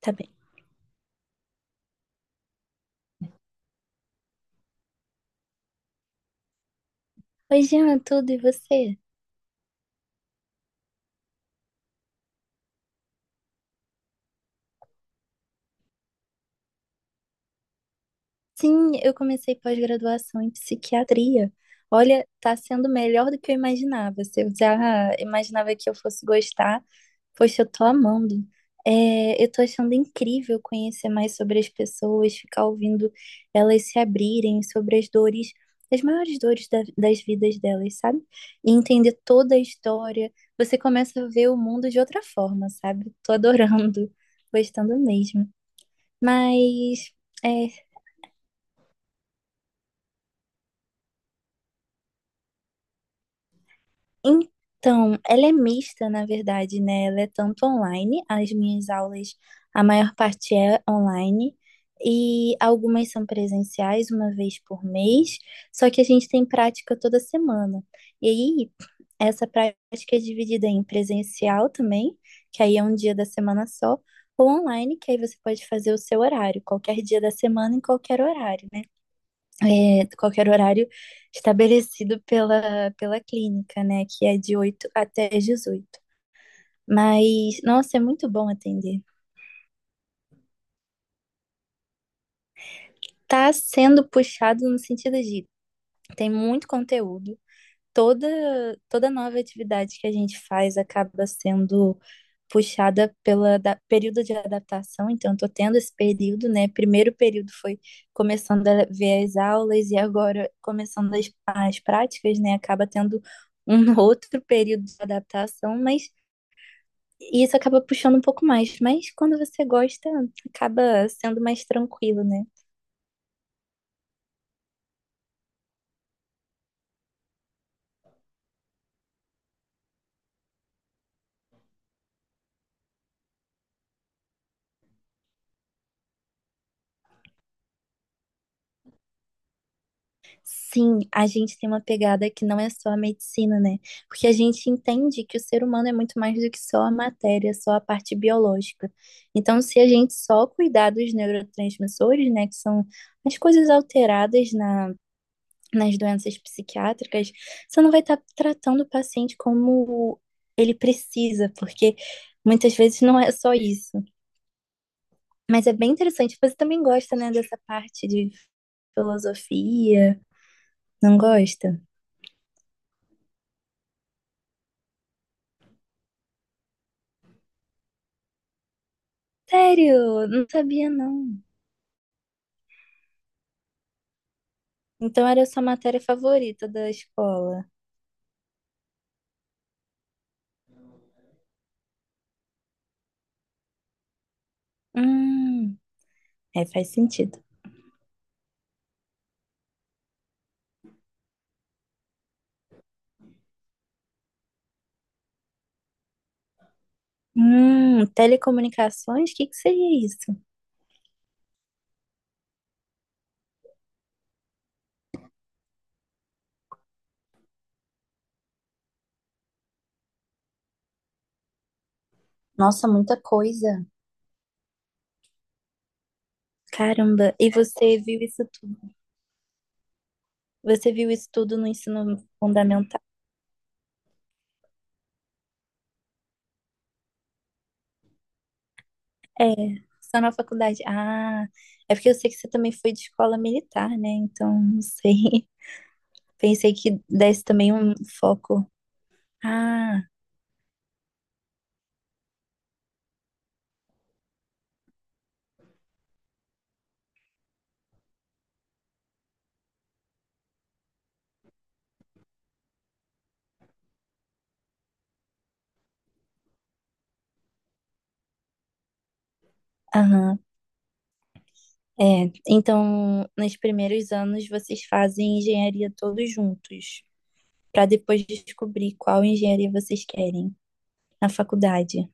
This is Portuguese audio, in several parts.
Tá bem. Oi, Jean, tudo e você? Sim, eu comecei pós-graduação em psiquiatria. Olha, tá sendo melhor do que eu imaginava. Se eu já imaginava que eu fosse gostar, poxa, eu tô amando. É, eu tô achando incrível conhecer mais sobre as pessoas, ficar ouvindo elas se abrirem sobre as dores, as maiores dores das vidas delas, sabe? E entender toda a história. Você começa a ver o mundo de outra forma, sabe? Tô adorando, gostando mesmo. Mas, é, então, ela é mista, na verdade, né? Ela é tanto online, as minhas aulas, a maior parte é online, e algumas são presenciais, uma vez por mês, só que a gente tem prática toda semana. E aí, essa prática é dividida em presencial também, que aí é um dia da semana só, ou online, que aí você pode fazer o seu horário, qualquer dia da semana, em qualquer horário, né? Qualquer horário estabelecido pela clínica, né? Que é de 8h até 18h. Mas, nossa, é muito bom atender. Tá sendo puxado no sentido de tem muito conteúdo, toda toda nova atividade que a gente faz acaba sendo puxada período de adaptação, então eu tô tendo esse período, né? Primeiro período foi começando a ver as aulas e agora começando as práticas, né? Acaba tendo um outro período de adaptação, mas isso acaba puxando um pouco mais. Mas quando você gosta, acaba sendo mais tranquilo, né? Sim, a gente tem uma pegada que não é só a medicina, né? Porque a gente entende que o ser humano é muito mais do que só a matéria, só a parte biológica. Então, se a gente só cuidar dos neurotransmissores, né, que são as coisas alteradas nas doenças psiquiátricas, você não vai estar tratando o paciente como ele precisa, porque muitas vezes não é só isso. Mas é bem interessante. Você também gosta, né, dessa parte de filosofia, não gosta? Sério? Não sabia, não. Então era a sua matéria favorita da escola. Hum, é, faz sentido. Telecomunicações? O que que seria isso? Nossa, muita coisa. Caramba, e você viu isso tudo? Você viu isso tudo no ensino fundamental? É, só na faculdade. Ah, é porque eu sei que você também foi de escola militar, né? Então, não sei. Pensei que desse também um foco. Ah, aham. É, então, nos primeiros anos vocês fazem engenharia todos juntos, para depois descobrir qual engenharia vocês querem na faculdade.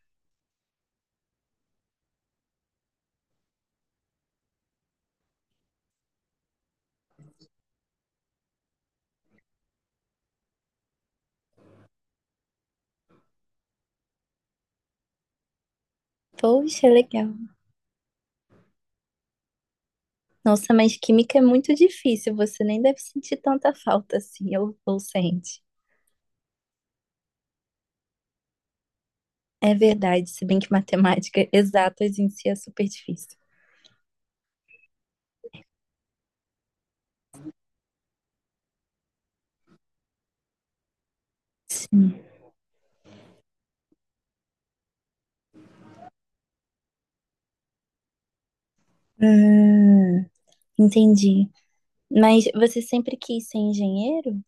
Poxa, legal. Nossa, mas química é muito difícil, você nem deve sentir tanta falta assim, ou sente. É verdade, se bem que matemática exatas em si é super difícil. Sim, ah, entendi. Mas você sempre quis ser engenheiro?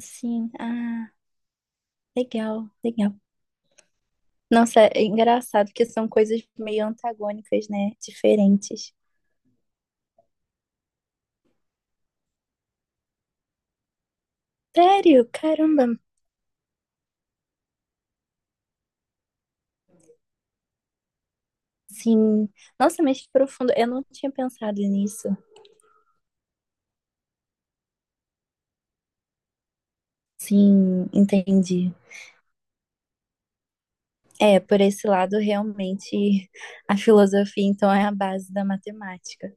Sim, ah, legal, legal. Nossa, é engraçado que são coisas meio antagônicas, né? Diferentes. Sério, caramba. Sim. Nossa, mas que profundo. Eu não tinha pensado nisso. Sim, entendi. É, por esse lado, realmente, a filosofia, então, é a base da matemática.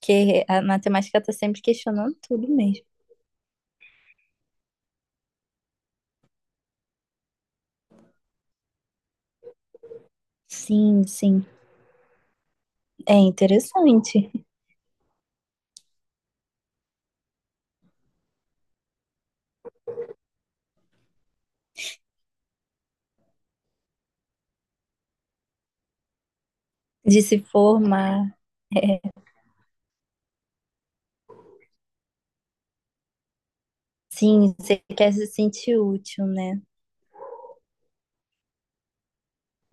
Porque a matemática está sempre questionando tudo mesmo. Sim, sim. É interessante de se formar. É, sim, você quer se sentir útil, né?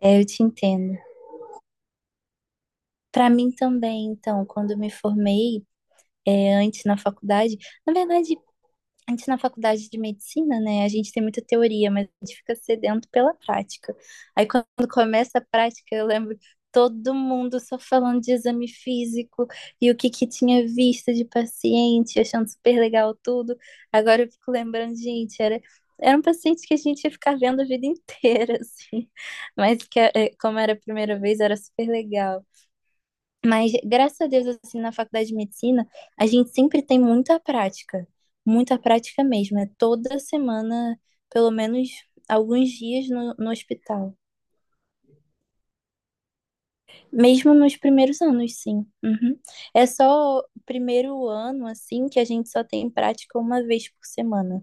É, eu te entendo. Para mim também, então, quando eu me formei, é, antes na faculdade, na verdade, antes na faculdade de medicina, né, a gente tem muita teoria, mas a gente fica sedento pela prática. Aí quando começa a prática, eu lembro todo mundo só falando de exame físico e o que que tinha visto de paciente, achando super legal tudo. Agora eu fico lembrando, gente, era um paciente que a gente ia ficar vendo a vida inteira, assim. Mas que, é, como era a primeira vez, era super legal. Mas graças a Deus, assim, na faculdade de medicina, a gente sempre tem muita prática mesmo. É toda semana, pelo menos alguns dias no hospital. Mesmo nos primeiros anos, sim. Uhum. É só o primeiro ano, assim, que a gente só tem prática uma vez por semana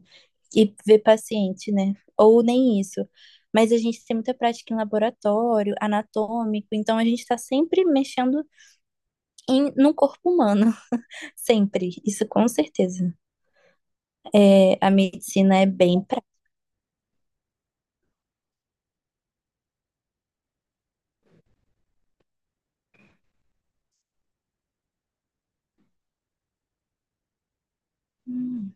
e ver paciente, né? Ou nem isso. Mas a gente tem muita prática em laboratório, anatômico, então a gente está sempre mexendo em, no corpo humano. Sempre, isso com certeza. É, a medicina é bem pra... Hum,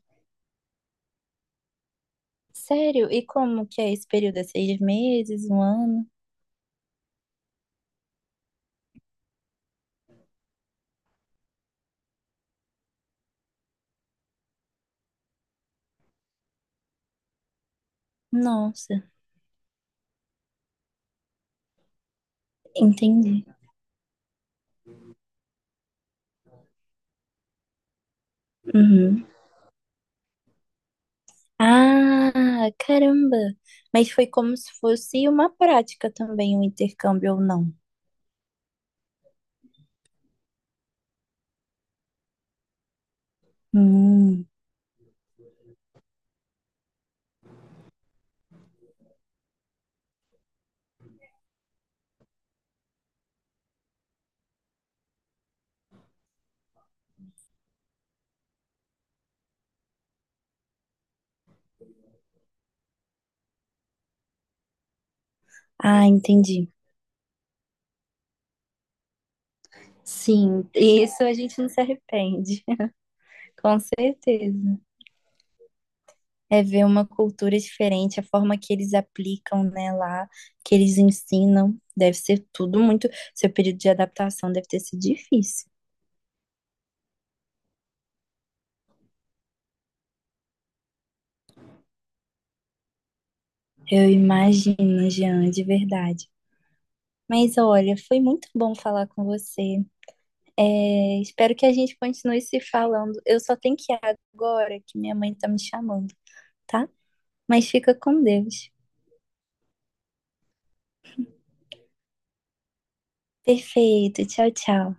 sério? E como que é esse período? É 6 meses, um ano? Nossa, entendi. Uhum. Ah, caramba! Mas foi como se fosse uma prática também, um intercâmbio ou não? Hum. Ah, entendi. Sim, isso a gente não se arrepende, com certeza. É ver uma cultura diferente, a forma que eles aplicam, né, lá, que eles ensinam, deve ser tudo muito. Seu período de adaptação deve ter sido difícil. Eu imagino, Jean, de verdade. Mas olha, foi muito bom falar com você. É, espero que a gente continue se falando. Eu só tenho que ir agora, que minha mãe tá me chamando, tá? Mas fica com Deus. Perfeito. Tchau, tchau.